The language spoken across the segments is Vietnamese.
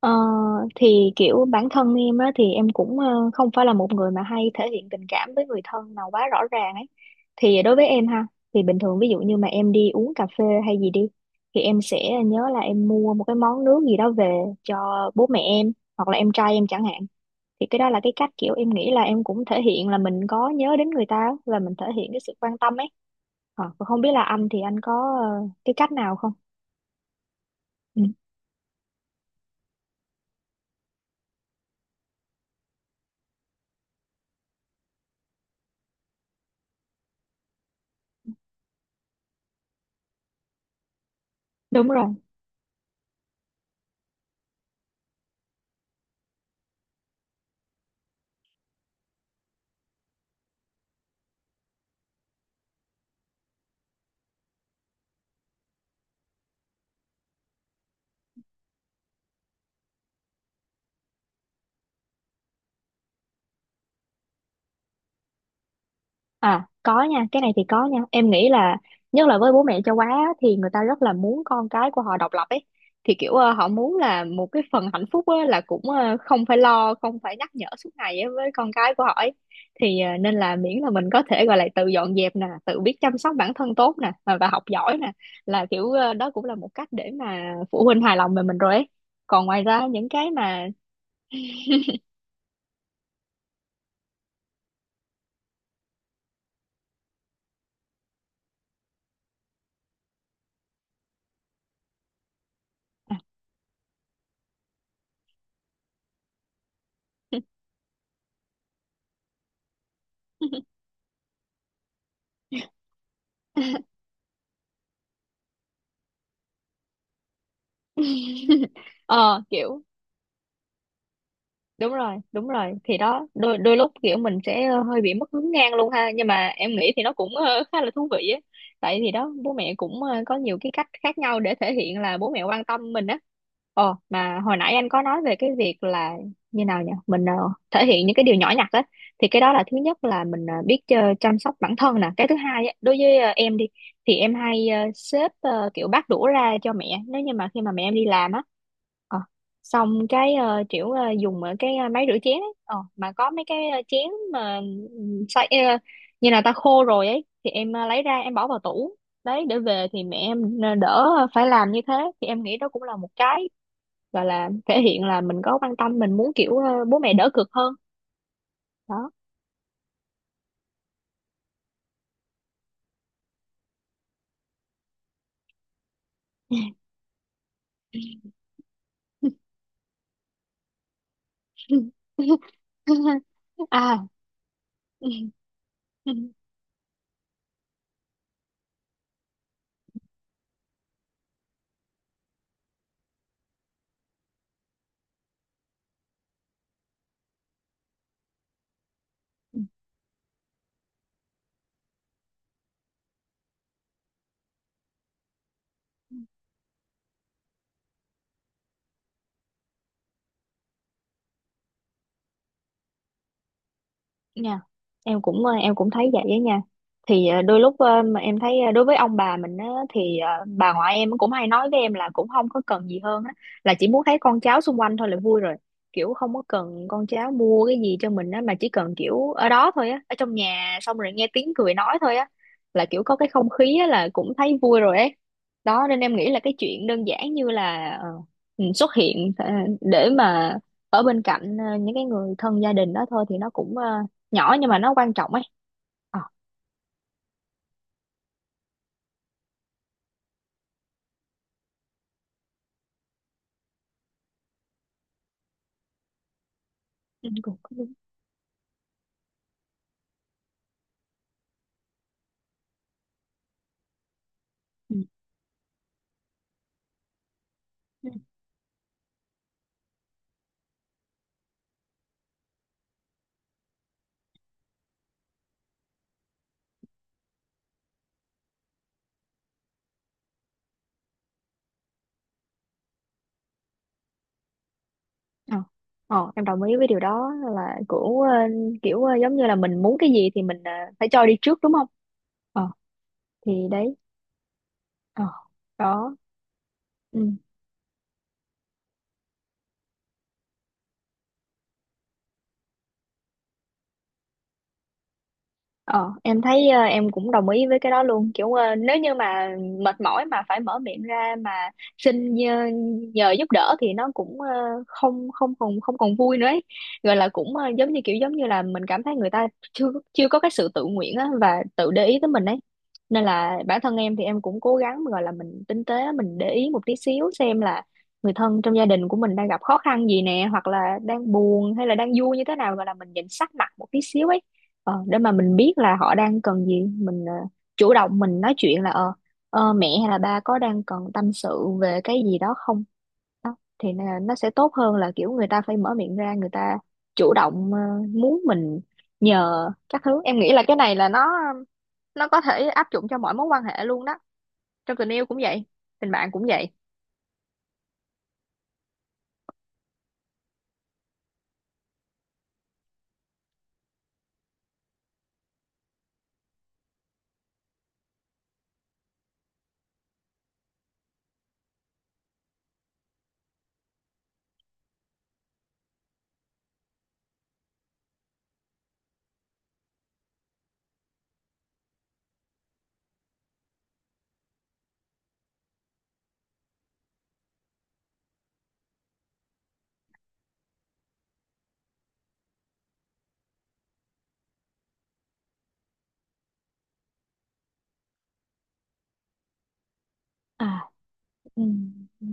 Ờ, thì kiểu bản thân em á thì em cũng không phải là một người mà hay thể hiện tình cảm với người thân nào quá rõ ràng ấy, thì đối với em ha thì bình thường, ví dụ như mà em đi uống cà phê hay gì đi thì em sẽ nhớ là em mua một cái món nước gì đó về cho bố mẹ em hoặc là em trai em chẳng hạn. Thì cái đó là cái cách kiểu em nghĩ là em cũng thể hiện là mình có nhớ đến người ta và mình thể hiện cái sự quan tâm ấy. Ờ, không biết là anh thì anh có cái cách nào không? Ừ, đúng rồi. À có nha, cái này thì có nha. Em nghĩ là nhất là với bố mẹ châu Á á, thì người ta rất là muốn con cái của họ độc lập ấy. Thì kiểu họ muốn là một cái phần hạnh phúc á, là cũng không phải lo, không phải nhắc nhở suốt ngày á, với con cái của họ ấy. Thì nên là miễn là mình có thể gọi là tự dọn dẹp nè, tự biết chăm sóc bản thân tốt nè và học giỏi nè là kiểu đó cũng là một cách để mà phụ huynh hài lòng về mình rồi ấy. Còn ngoài ra những cái mà ờ kiểu đúng rồi, đúng rồi. Thì đó đôi đôi lúc kiểu mình sẽ hơi bị mất hứng ngang luôn ha, nhưng mà em nghĩ thì nó cũng khá là thú vị á, tại thì đó bố mẹ cũng có nhiều cái cách khác nhau để thể hiện là bố mẹ quan tâm mình á. Ồ, mà hồi nãy anh có nói về cái việc là như nào nhỉ? Mình thể hiện những cái điều nhỏ nhặt á, thì cái đó là thứ nhất là mình biết chăm sóc bản thân nè, cái thứ hai á, đối với em đi thì em hay xếp kiểu bát đũa ra cho mẹ nếu như mà khi mà mẹ em đi làm á. ờ, Xong cái kiểu dùng ở cái máy rửa chén ấy. Ờ, mà có mấy cái chén mà xay như là ta khô rồi ấy thì em lấy ra, em bỏ vào tủ đấy, để về thì mẹ em đỡ phải làm như thế. Thì em nghĩ đó cũng là một cái gọi là thể hiện là mình có quan tâm, mình muốn kiểu bố mẹ đỡ cực hơn đó. À. Nha, em cũng em cũng thấy vậy á nha. Thì đôi lúc mà em thấy đối với ông bà mình á thì bà ngoại em cũng hay nói với em là cũng không có cần gì hơn á, là chỉ muốn thấy con cháu xung quanh thôi là vui rồi. Kiểu không có cần con cháu mua cái gì cho mình á, mà chỉ cần kiểu ở đó thôi á, ở trong nhà, xong rồi nghe tiếng cười nói thôi á, là kiểu có cái không khí á là cũng thấy vui rồi ấy. Đó, nên em nghĩ là cái chuyện đơn giản như là xuất hiện để mà ở bên cạnh những cái người thân gia đình đó thôi, thì nó cũng nhỏ nhưng mà nó quan trọng ấy. ờ em cũng có, đúng. Ừ. Ừ. ờ Ờ, em đồng ý với điều đó là kiểu giống như là mình muốn cái gì thì mình phải cho đi trước đúng không. ờ thì đấy. ờ Đó. Ừ. Ờ, em thấy em cũng đồng ý với cái đó luôn, kiểu nếu như mà mệt mỏi mà phải mở miệng ra mà xin nhờ, nhờ giúp đỡ thì nó cũng không không còn không còn vui nữa ấy. Gọi là cũng giống như kiểu, giống như là mình cảm thấy người ta chưa chưa có cái sự tự nguyện á, và tự để ý tới mình ấy. Nên là bản thân em thì em cũng cố gắng gọi là mình tinh tế, mình để ý một tí xíu xem là người thân trong gia đình của mình đang gặp khó khăn gì nè, hoặc là đang buồn hay là đang vui như thế nào, gọi là mình nhìn sắc mặt một tí xíu ấy, để mà mình biết là họ đang cần gì. Mình chủ động mình nói chuyện là mẹ hay là ba có đang cần tâm sự về cái gì đó không. Đó, thì là nó sẽ tốt hơn là kiểu người ta phải mở miệng ra, người ta chủ động muốn mình nhờ các thứ. Em nghĩ là cái này là nó có thể áp dụng cho mọi mối quan hệ luôn đó, trong tình yêu cũng vậy, tình bạn cũng vậy. À. Ừ. Ừ.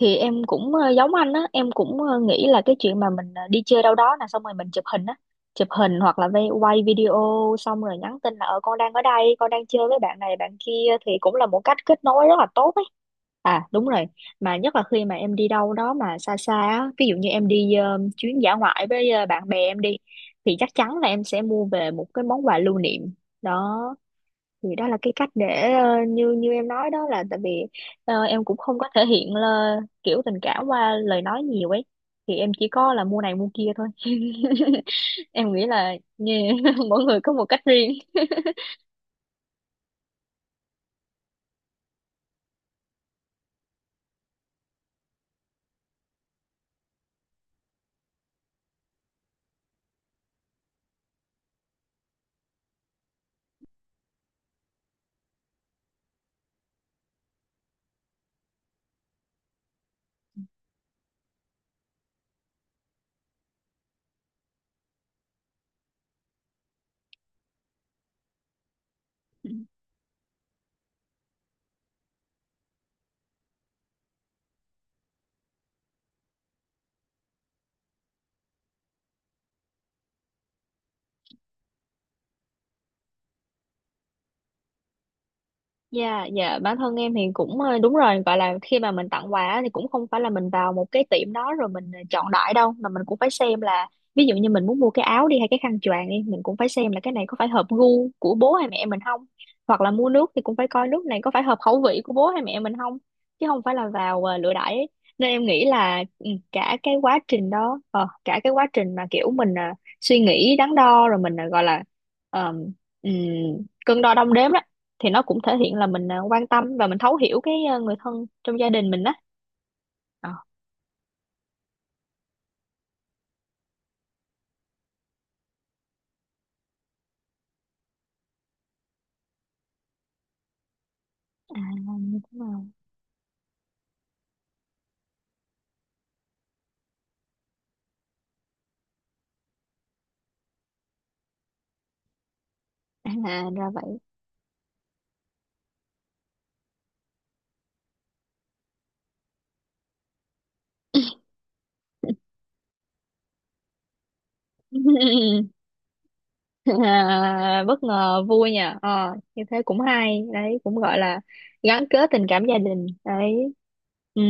Thì em cũng giống anh á, em cũng nghĩ là cái chuyện mà mình đi chơi đâu đó là xong rồi mình chụp hình á, chụp hình hoặc là vay- quay video, xong rồi nhắn tin là ờ con đang ở đây, con đang chơi với bạn này bạn kia, thì cũng là một cách kết nối rất là tốt ấy. À đúng rồi, mà nhất là khi mà em đi đâu đó mà xa xa á, ví dụ như em đi chuyến dã ngoại với bạn bè em đi, thì chắc chắn là em sẽ mua về một cái món quà lưu niệm. Đó, thì đó là cái cách để như như em nói đó, là tại vì em cũng không có thể hiện là kiểu tình cảm qua lời nói nhiều ấy, thì em chỉ có là mua này mua kia thôi. Em nghĩ là yeah, mỗi người có một cách riêng. Dạ, dạ bản thân em thì cũng đúng rồi, gọi là khi mà mình tặng quà á, thì cũng không phải là mình vào một cái tiệm đó rồi mình chọn đại đâu, mà mình cũng phải xem là ví dụ như mình muốn mua cái áo đi hay cái khăn choàng đi, mình cũng phải xem là cái này có phải hợp gu của bố hay mẹ mình không, hoặc là mua nước thì cũng phải coi nước này có phải hợp khẩu vị của bố hay mẹ mình không, chứ không phải là vào lựa đại ấy. Nên em nghĩ là ừ, cả cái quá trình đó, cả cái quá trình mà kiểu mình suy nghĩ đắn đo, rồi mình gọi là ờ, ừm, cân đo đong đếm đó, thì nó cũng thể hiện là mình à, quan tâm và mình thấu hiểu cái à, người thân trong gia đình mình đó. Ờ. À như thế nào. À ra vậy. À, bất ngờ vui nha. Ờ như thế cũng hay đấy, cũng gọi là gắn kết tình cảm gia đình đấy. Ừ,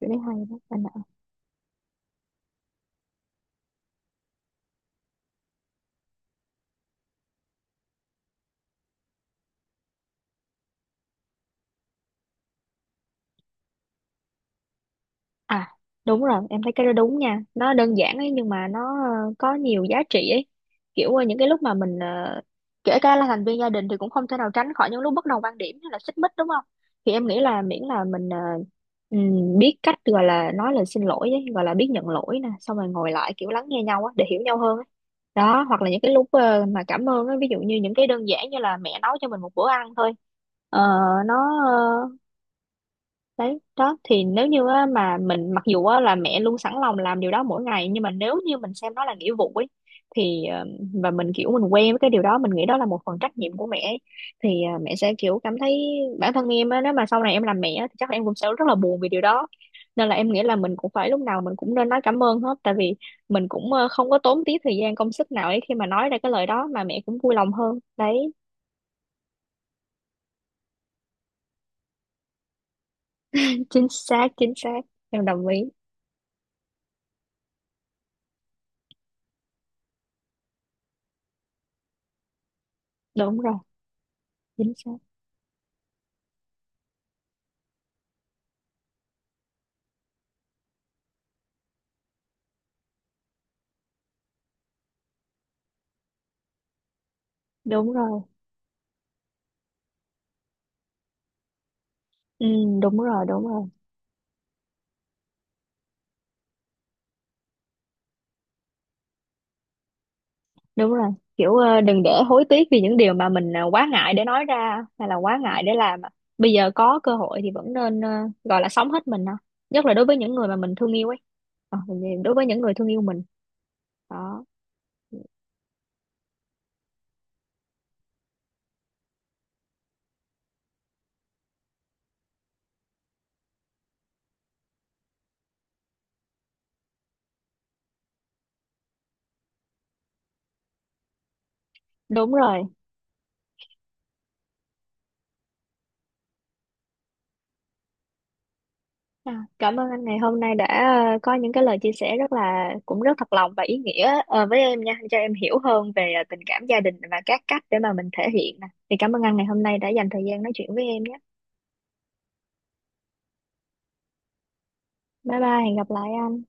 cái đấy hay. Đó. À đúng rồi, em thấy cái đó đúng nha, nó đơn giản ấy, nhưng mà nó có nhiều giá trị ấy. Kiểu những cái lúc mà mình kể cả là thành viên gia đình thì cũng không thể nào tránh khỏi những lúc bất đồng quan điểm hay là xích mích, đúng không. Thì em nghĩ là miễn là mình biết cách, gọi là nói lời xin lỗi ấy, gọi là biết nhận lỗi nè, xong rồi ngồi lại kiểu lắng nghe nhau á để hiểu nhau hơn ấy. Đó, hoặc là những cái lúc mà cảm ơn á, ví dụ như những cái đơn giản như là mẹ nấu cho mình một bữa ăn thôi. Ờ, nó đấy đó, thì nếu như á, mà mình, mặc dù á, là mẹ luôn sẵn lòng làm điều đó mỗi ngày, nhưng mà nếu như mình xem nó là nghĩa vụ ấy, thì và mình kiểu mình quen với cái điều đó, mình nghĩ đó là một phần trách nhiệm của mẹ ấy, thì mẹ sẽ kiểu cảm thấy, bản thân em á, nếu mà sau này em làm mẹ á, thì chắc em cũng sẽ rất là buồn vì điều đó. Nên là em nghĩ là mình cũng phải, lúc nào mình cũng nên nói cảm ơn hết, tại vì mình cũng không có tốn tí thời gian công sức nào ấy khi mà nói ra cái lời đó, mà mẹ cũng vui lòng hơn đấy. Chính xác, chính xác. Em đồng ý. Đúng rồi. Chính xác. Đúng rồi. Ừ, đúng rồi, đúng rồi, đúng rồi. Kiểu đừng để hối tiếc vì những điều mà mình quá ngại để nói ra hay là quá ngại để làm. Bây giờ có cơ hội thì vẫn nên gọi là sống hết mình ha, nhất là đối với những người mà mình thương yêu ấy. Ờ, đối với những người thương yêu mình đó. Đúng rồi. À, cảm ơn anh ngày hôm nay đã có những cái lời chia sẻ rất là, cũng rất thật lòng và ý nghĩa với em nha, cho em hiểu hơn về tình cảm gia đình và các cách để mà mình thể hiện nè. Thì cảm ơn anh ngày hôm nay đã dành thời gian nói chuyện với em nhé. Bye bye, hẹn gặp lại anh.